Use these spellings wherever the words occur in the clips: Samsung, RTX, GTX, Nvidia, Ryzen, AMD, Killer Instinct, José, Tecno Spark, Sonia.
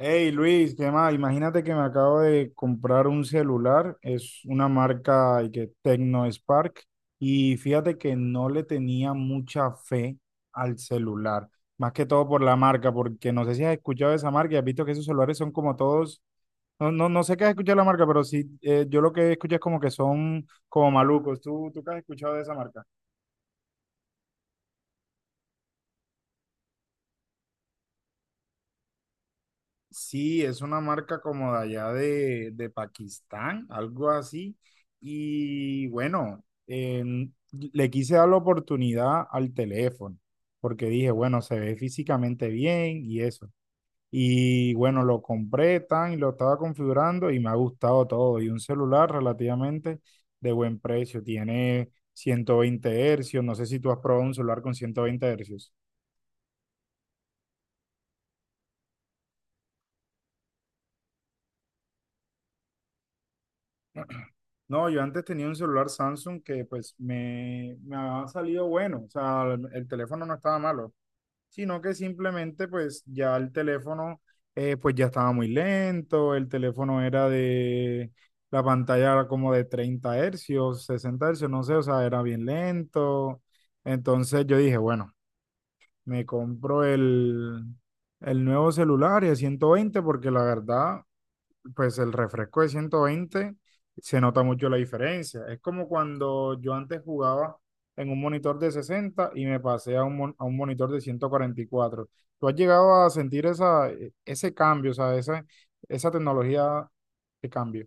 Hey Luis, ¿qué más? Imagínate que me acabo de comprar un celular, es una marca y que Tecno Spark y fíjate que no le tenía mucha fe al celular, más que todo por la marca, porque no sé si has escuchado de esa marca y has visto que esos celulares son como todos, no, no, no sé qué has escuchado de la marca, pero sí, yo lo que escucho es como que son como malucos. ¿Tú qué has escuchado de esa marca? Sí, es una marca como de allá de Pakistán, algo así. Y bueno, le quise dar la oportunidad al teléfono, porque dije, bueno, se ve físicamente bien y eso. Y bueno, lo compré tan y lo estaba configurando y me ha gustado todo. Y un celular relativamente de buen precio, tiene 120 Hz. No sé si tú has probado un celular con 120 Hz. No, yo antes tenía un celular Samsung que pues me ha salido bueno, o sea, el teléfono no estaba malo, sino que simplemente pues ya el teléfono pues ya estaba muy lento, el teléfono era de la pantalla era como de 30 Hz, 60 Hz, no sé, o sea, era bien lento. Entonces yo dije, bueno, me compro el nuevo celular y a 120 porque la verdad, pues el refresco de 120 se nota mucho la diferencia. Es como cuando yo antes jugaba en un monitor de 60 y me pasé a a un monitor de 144. ¿Tú has llegado a sentir ese cambio, o sea, esa tecnología de cambio?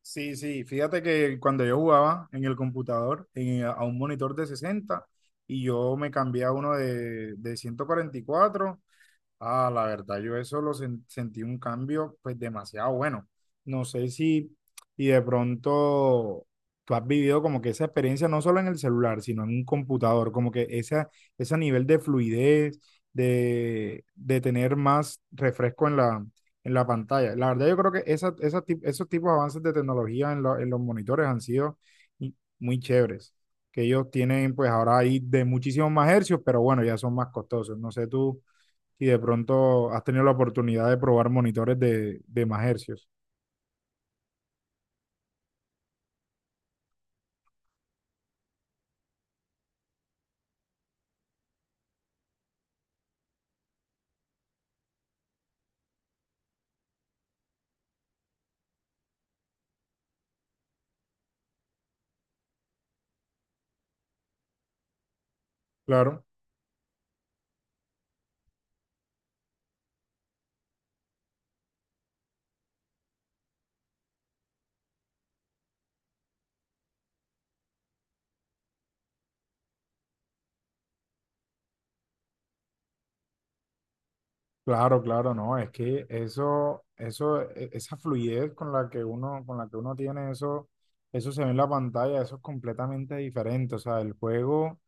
Sí, sí, fíjate que cuando yo jugaba en el computador, a un monitor de 60 y yo me cambié a uno de 144. Ah, la verdad, yo eso lo sentí un cambio, pues demasiado bueno. No sé si, y de pronto tú has vivido como que esa experiencia no solo en el celular, sino en un computador, como que ese nivel de fluidez, de tener más refresco en en la pantalla. La verdad, yo creo que esos tipos de avances de tecnología en los monitores han sido muy chéveres, que ellos tienen pues ahora ahí de muchísimos más hercios, pero bueno, ya son más costosos. No sé tú si de pronto has tenido la oportunidad de probar monitores de más hercios. Claro, claro, claro, no, es que esa fluidez con la que uno tiene eso, eso se ve en la pantalla, eso es completamente diferente. O sea,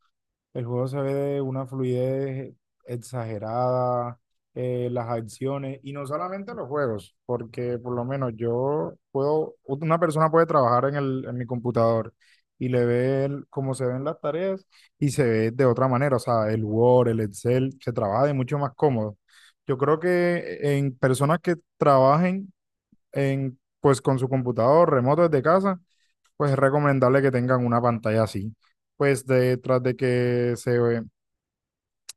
El juego se ve de una fluidez exagerada, las acciones, y no solamente los juegos, porque por lo menos yo puedo, una persona puede trabajar en mi computador y le ve cómo se ven las tareas y se ve de otra manera, o sea, el Word, el Excel, se trabaja de mucho más cómodo. Yo creo que en personas que trabajen en, pues, con su computador remoto desde casa, pues es recomendable que tengan una pantalla así. Pues detrás de que se ve,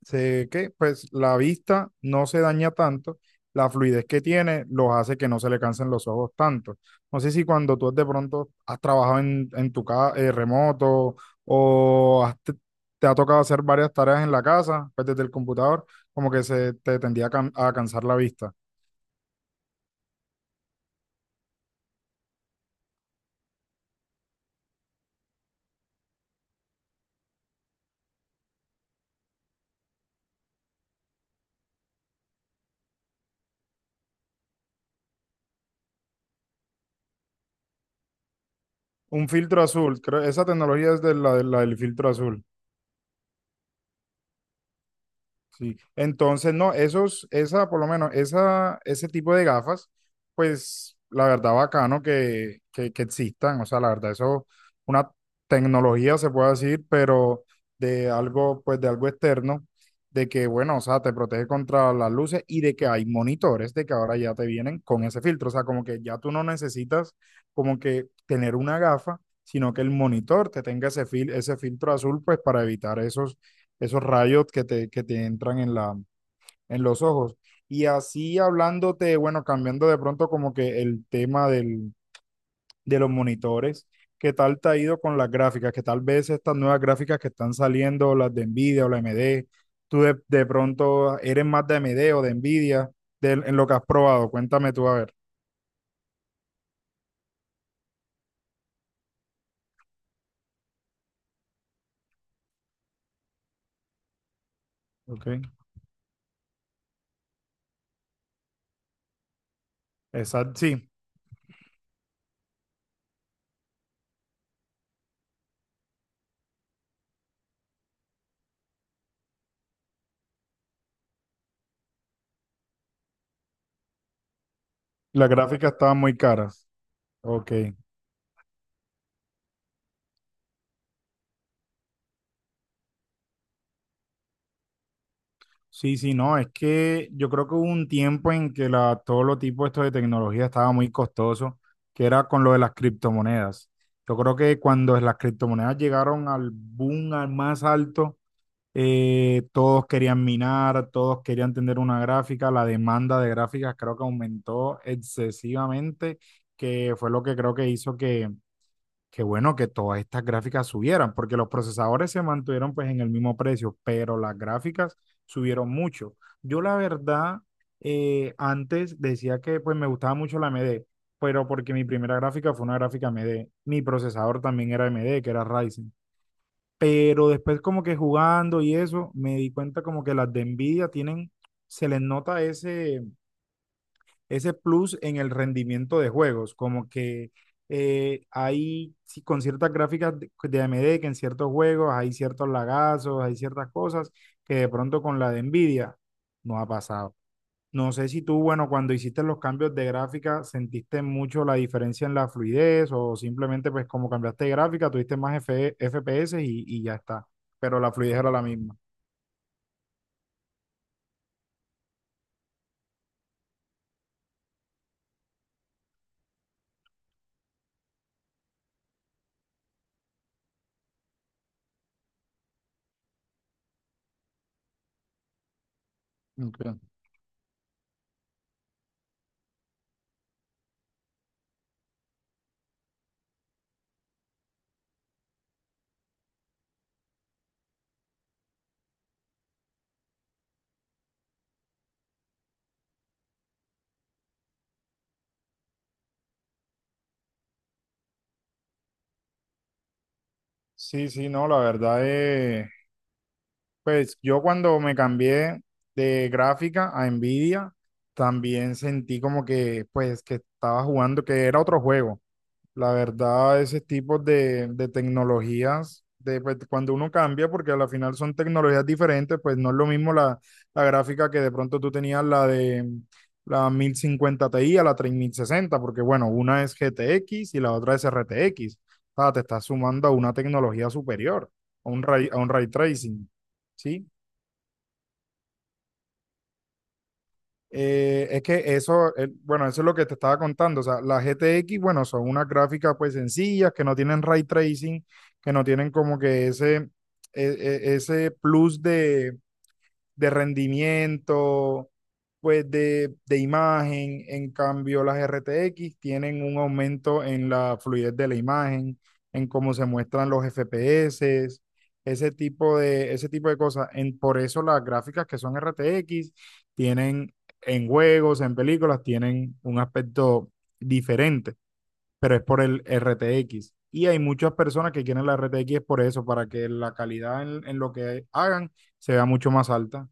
se, qué, pues la vista no se daña tanto, la fluidez que tiene los hace que no se le cansen los ojos tanto. No sé si cuando tú de pronto has trabajado en tu casa remoto o te ha tocado hacer varias tareas en la casa, pues desde el computador, como que se te tendía a, a cansar la vista. Un filtro azul, creo, esa tecnología es de la del filtro azul. Sí, entonces, no, por lo menos, ese tipo de gafas, pues la verdad bacano que existan, o sea, la verdad, eso es una tecnología, se puede decir, pero pues de algo externo, de que, bueno, o sea, te protege contra las luces y de que hay monitores, de que ahora ya te vienen con ese filtro, o sea, como que ya tú no necesitas como que tener una gafa, sino que el monitor te tenga ese filtro azul, pues para evitar esos rayos que te entran en en los ojos. Y así hablándote, bueno, cambiando de pronto como que el tema de los monitores, ¿qué tal te ha ido con las gráficas? Que tal vez estas nuevas gráficas que están saliendo, las de Nvidia o la AMD, tú de pronto eres más de AMD o de Nvidia, en lo que has probado, cuéntame tú a ver. Ok. Exacto, sí, las gráficas estaban muy caras. Ok. Sí, sí, no, es que yo creo que hubo un tiempo en que todos los tipos estos de tecnología estaba muy costoso, que era con lo de las criptomonedas. Yo creo que cuando las criptomonedas llegaron al boom, al más alto, todos querían minar, todos querían tener una gráfica, la demanda de gráficas creo que aumentó excesivamente, que fue lo que creo que hizo que. Qué bueno que todas estas gráficas subieran, porque los procesadores se mantuvieron pues en el mismo precio, pero las gráficas subieron mucho. Yo la verdad, antes decía que pues me gustaba mucho la AMD pero porque mi primera gráfica fue una gráfica AMD Mi procesador también era AMD que era Ryzen. Pero después como que jugando y eso, me di cuenta como que las de Nvidia tienen, se les nota ese plus en el rendimiento de juegos, como que hay sí, con ciertas gráficas de AMD que en ciertos juegos hay ciertos lagazos, hay ciertas cosas que de pronto con la de Nvidia no ha pasado. No sé si tú, bueno, cuando hiciste los cambios de gráfica, sentiste mucho la diferencia en la fluidez o simplemente pues como cambiaste de gráfica, tuviste más FPS y ya está, pero la fluidez era la misma. Ok. Sí, sí, no, la verdad es. Pues yo cuando me cambié de gráfica a Nvidia, también sentí como que, pues, que estaba jugando, que era otro juego. La verdad, ese tipo de tecnologías, de, pues, cuando uno cambia, porque al final son tecnologías diferentes, pues no es lo mismo la gráfica que de pronto tú tenías la de la 1050 Ti a la 3060 porque bueno, una es GTX y la otra es RTX. O sea, te estás sumando a una tecnología superior, a un ray tracing. ¿Sí? Es que eso, bueno, eso es lo que te estaba contando. O sea, las GTX, bueno, son unas gráficas pues sencillas, que no tienen ray tracing, que no tienen como que ese plus de rendimiento, pues de imagen. En cambio, las RTX tienen un aumento en la fluidez de la imagen, en cómo se muestran los FPS, ese tipo de cosas. En, por eso las gráficas que son RTX tienen en juegos, en películas, tienen un aspecto diferente, pero es por el RTX. Y hay muchas personas que quieren la RTX por eso, para que la calidad en lo que hagan se vea mucho más alta.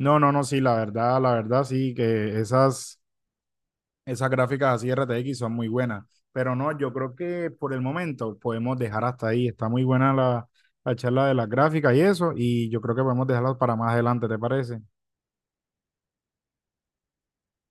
No, no, no, sí, la verdad, sí, que esas, esas gráficas así RTX son muy buenas, pero no, yo creo que por el momento podemos dejar hasta ahí, está muy buena la charla de las gráficas y eso, y yo creo que podemos dejarlas para más adelante, ¿te parece?